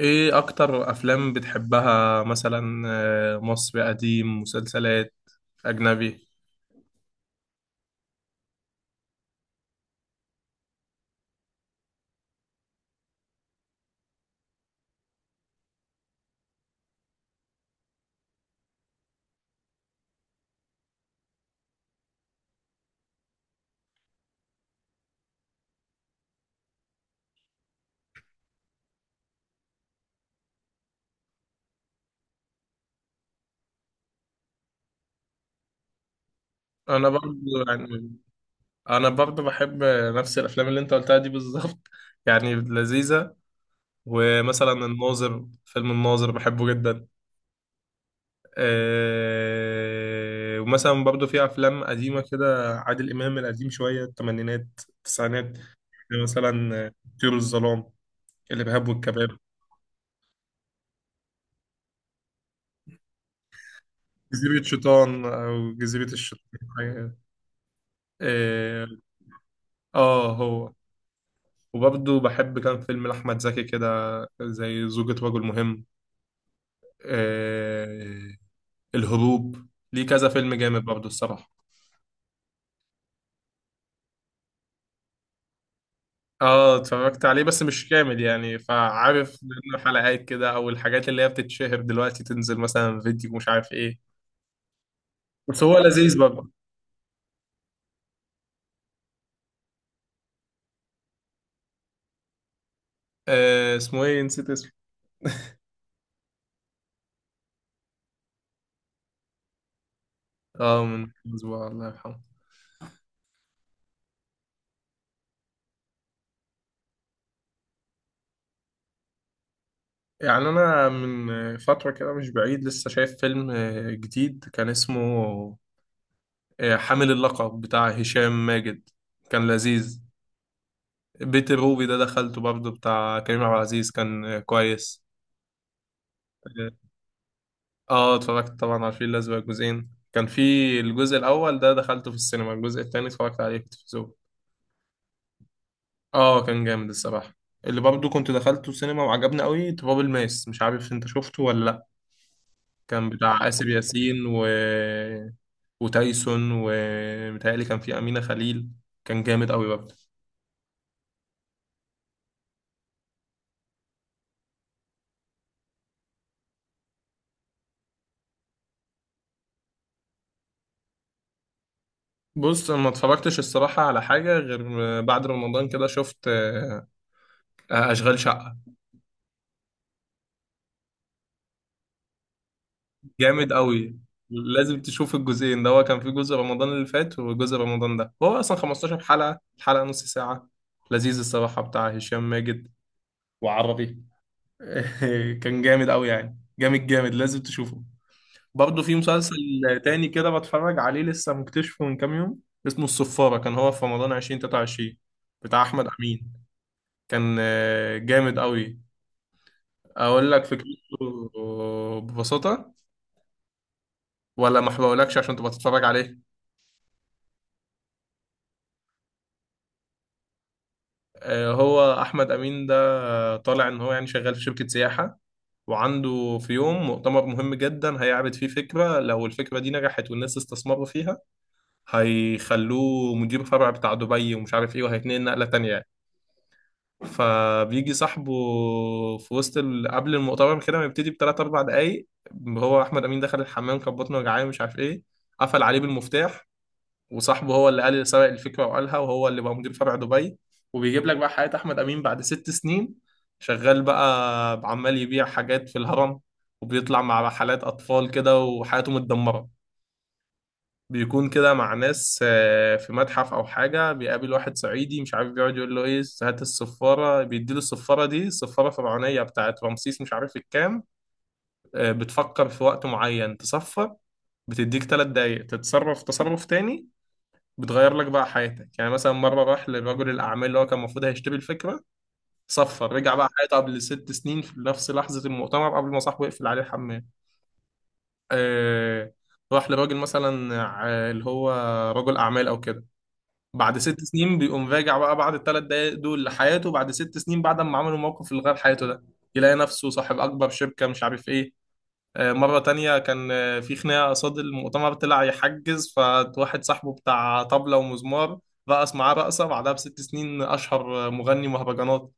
ايه اكتر افلام بتحبها مثلا؟ مصري قديم، مسلسلات، اجنبي. انا برضو يعني انا برضو بحب نفس الافلام اللي انت قلتها دي بالظبط، يعني لذيذة. ومثلا الناظر، الناظر بحبه جدا. إيه، ومثلا برضو في افلام قديمة كده، عادل امام القديم شوية، الثمانينات، التسعينات. يعني مثلا طيور الظلام، الارهاب والكباب، جزيرة شيطان او جزيرة الشيطان. إيه، اه هو. وبرضه بحب كام فيلم لأحمد زكي كده، زي زوجة رجل مهم، إيه، الهروب. ليه كذا فيلم جامد برضه الصراحة. اه، اتفرجت عليه بس مش كامل، يعني فعارف منه حلقات كده، او الحاجات اللي هي بتتشهر دلوقتي تنزل مثلا فيديو مش عارف ايه. بس هو لذيذ برضه. آه اسمه ايه، نسيت اسمه. اه، من اسبوع، الله يرحمه. يعني انا من فترة كده مش بعيد لسه شايف فيلم جديد كان اسمه حامل اللقب بتاع هشام ماجد، كان لذيذ. بيت الروبي ده دخلته برضه، بتاع كريم عبد العزيز، كان كويس. اه، اتفرجت طبعا على الفيل الأزرق جزئين. كان في الجزء الأول ده دخلته في السينما، الجزء التاني اتفرجت عليه في التلفزيون. اه كان جامد الصراحة. اللي برضه كنت دخلته السينما وعجبني قوي تراب الماس، مش عارف انت شفته ولا لأ. كان بتاع آسر ياسين وتايسون، ومتهيألي كان فيه أمينة خليل. كان جامد قوي. بص أنا ما اتفرجتش الصراحة على حاجة غير بعد رمضان كده، شفت أشغال شقة. جامد قوي، لازم تشوف الجزئين. ده هو كان في جزء رمضان اللي فات وجزء رمضان ده، هو أصلا 15 حلقة، الحلقة نص ساعة. لذيذ الصراحة، بتاع هشام ماجد وعربي. كان جامد قوي يعني، جامد جامد، لازم تشوفه. برضه في مسلسل تاني كده بتفرج عليه لسه، مكتشفه من كام يوم، اسمه الصفارة، كان هو في رمضان 2023، بتاع أحمد أمين. كان جامد قوي. اقول لك فكرته ببساطه، ولا ما بقولكش عشان تبقى تتفرج عليه؟ هو احمد امين ده طالع ان هو يعني شغال في شركه سياحه، وعنده في يوم مؤتمر مهم جدا هيعرض فيه فكره، لو الفكره دي نجحت والناس استثمروا فيها هيخلوه مدير فرع بتاع دبي ومش عارف ايه، وهيتنقل نقله تانية يعني. فبيجي صاحبه في وسط قبل المؤتمر كده، ما يبتدي بثلاث اربع دقايق، هو احمد امين دخل الحمام، كان بطنه وجعان مش عارف ايه، قفل عليه بالمفتاح. وصاحبه هو اللي قال اللي سبق الفكره وقالها، وهو اللي بقى مدير فرع دبي. وبيجيب لك بقى حياه احمد امين بعد 6 سنين، شغال بقى عمال يبيع حاجات في الهرم، وبيطلع مع رحلات اطفال كده، وحياته متدمره. بيكون كده مع ناس في متحف او حاجه، بيقابل واحد صعيدي مش عارف، بيقعد يقول له ايه، هات الصفاره، بيديله الصفاره، دي صفاره فرعونيه بتاعت رمسيس مش عارف الكام. بتفكر في وقت معين تصفر، بتديك 3 دقايق تتصرف تصرف تاني، بتغير لك بقى حياتك. يعني مثلا مرة راح لرجل الأعمال اللي هو كان المفروض هيشتري الفكرة، صفر، رجع بقى حياته قبل 6 سنين في نفس لحظة المؤتمر قبل ما صاحبه يقفل عليه الحمام. آه، راح لراجل مثلا اللي هو رجل أعمال أو كده، بعد 6 سنين بيقوم راجع بقى بعد ال3 دقايق دول لحياته بعد 6 سنين، بعد ما عملوا موقف اللي غير حياته ده، يلاقي نفسه صاحب أكبر شركة مش عارف إيه. مرة تانية كان في خناقة قصاد المؤتمر، طلع يحجز، فواحد صاحبه بتاع طبلة ومزمار رقص معاه رقصة، بعدها ب6 سنين أشهر مغني مهرجانات.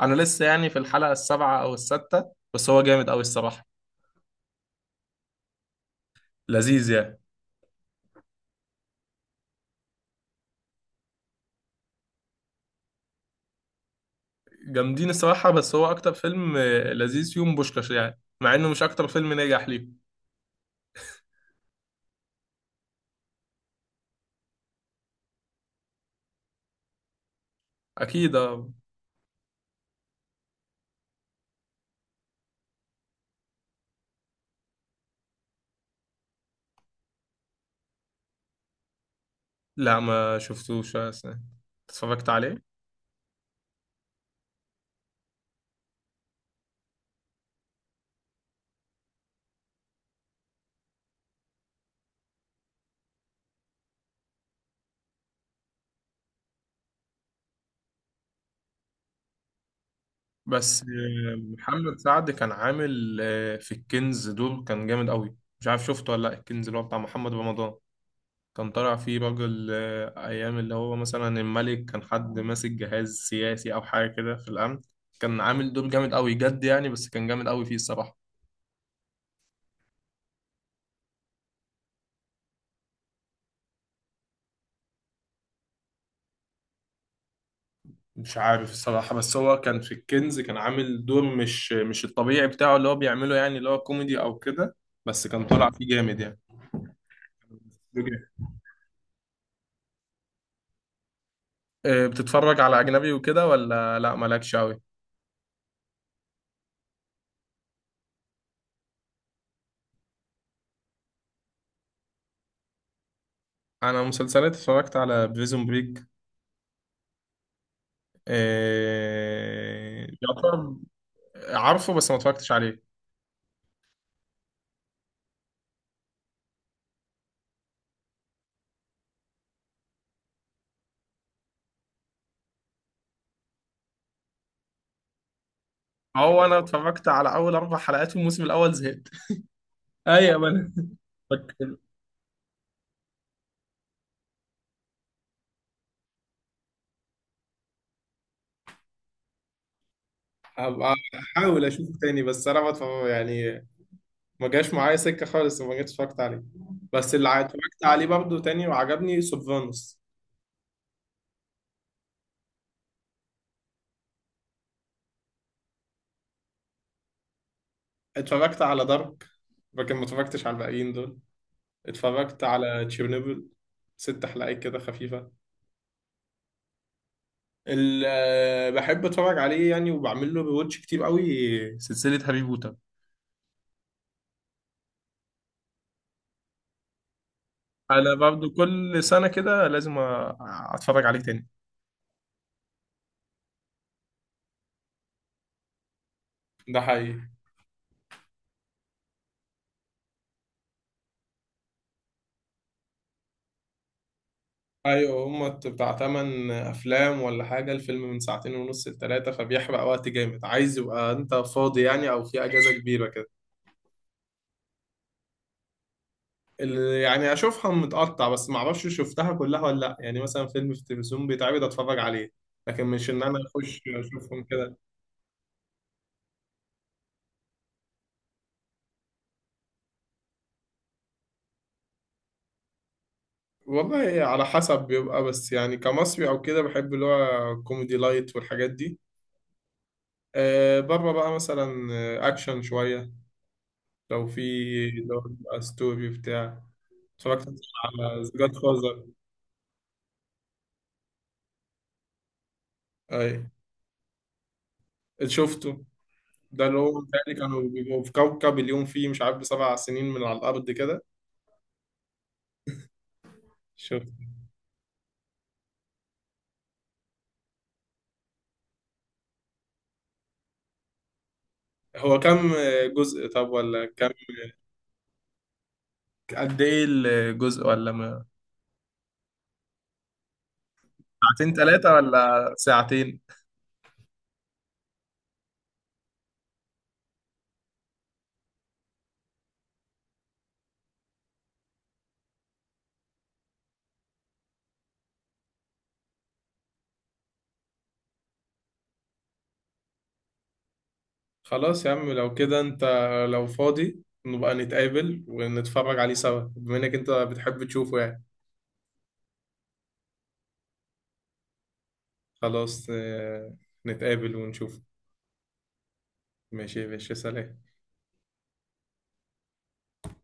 أنا لسه يعني في الحلقة السابعة أو الستة، بس هو جامد أوي الصراحة. لذيذ يعني. جامدين الصراحة، بس هو أكتر فيلم لذيذ فيهم بوشكاش، يعني مع إنه مش أكتر فيلم نجح ليه. أكيد آه. لا ما شفتوش. اتفرجت عليه. بس محمد سعد كان عامل في الكنز دور كان جامد قوي، مش عارف شفته ولا لا، الكنز اللي هو بتاع محمد رمضان. كان طالع فيه راجل ايام اللي هو مثلا الملك، كان حد ماسك جهاز سياسي او حاجه كده في الامن، كان عامل دور جامد قوي جد يعني، بس كان جامد قوي فيه الصراحه. مش عارف الصراحه، بس هو كان في الكنز كان عامل دور مش الطبيعي بتاعه اللي هو بيعمله، يعني اللي هو كوميدي او كده، بس كان طالع فيه جامد يعني. أوكي. بتتفرج على اجنبي وكده ولا لا، مالكش قوي؟ انا مسلسلات اتفرجت على بريزون بريك. يعتبر. عارفه بس ما اتفرجتش عليه. هو انا اتفرجت على اول 4 حلقات والموسم الاول زهقت. ايوه ما انا بك- هبقى احاول اشوفه تاني، بس انا ما اتفرج- يعني ما جاش معايا سكه خالص، وما جيتش اتفرجت عليه. بس اللي اتفرجت عليه برضه تاني وعجبني سوفانوس. اتفرجت على دارك، لكن ما اتفرجتش على الباقيين دول. اتفرجت على تشيرنوبل، 6 حلقات كده خفيفه. بحب اتفرج عليه يعني، وبعمل له ريواتش كتير قوي. سلسلة هاري بوتر، انا برضه كل سنة كده لازم اتفرج عليه تاني. ده حقيقي. ايوه هما بتاع 8 افلام ولا حاجة، الفيلم من ساعتين ونص لتلاتة، فبيحرق وقت جامد، عايز يبقى انت فاضي يعني او في اجازة كبيرة كده. يعني اشوفها متقطع، بس ما اعرفش شفتها كلها ولا لا، يعني مثلا فيلم في التلفزيون بيتعرض اتفرج عليه، لكن مش ان انا اخش اشوفهم كده. والله على حسب بيبقى، بس يعني كمصري او كده بحب اللي هو كوميدي لايت والحاجات دي، آه بره بقى مثلا اكشن شويه لو في اللي هو بيبقى ستوري بتاع. اتفرجت مثلاً على ذا جاد فازر. اي شفته، ده اللي هو بيتهيألي كانوا بيبقوا في كوكب اليوم فيه مش عارف ب7 سنين من على الارض كده. شفت. هو كام جزء طب ولا كام، قد ايه الجزء ولا ما، ساعتين ثلاثه ولا ساعتين. خلاص يا عم لو كده، انت لو فاضي نبقى نتقابل ونتفرج عليه سوا، بما انك انت بتحب تشوفه يعني. خلاص نتقابل ونشوف. ماشي يا باشا، سلام.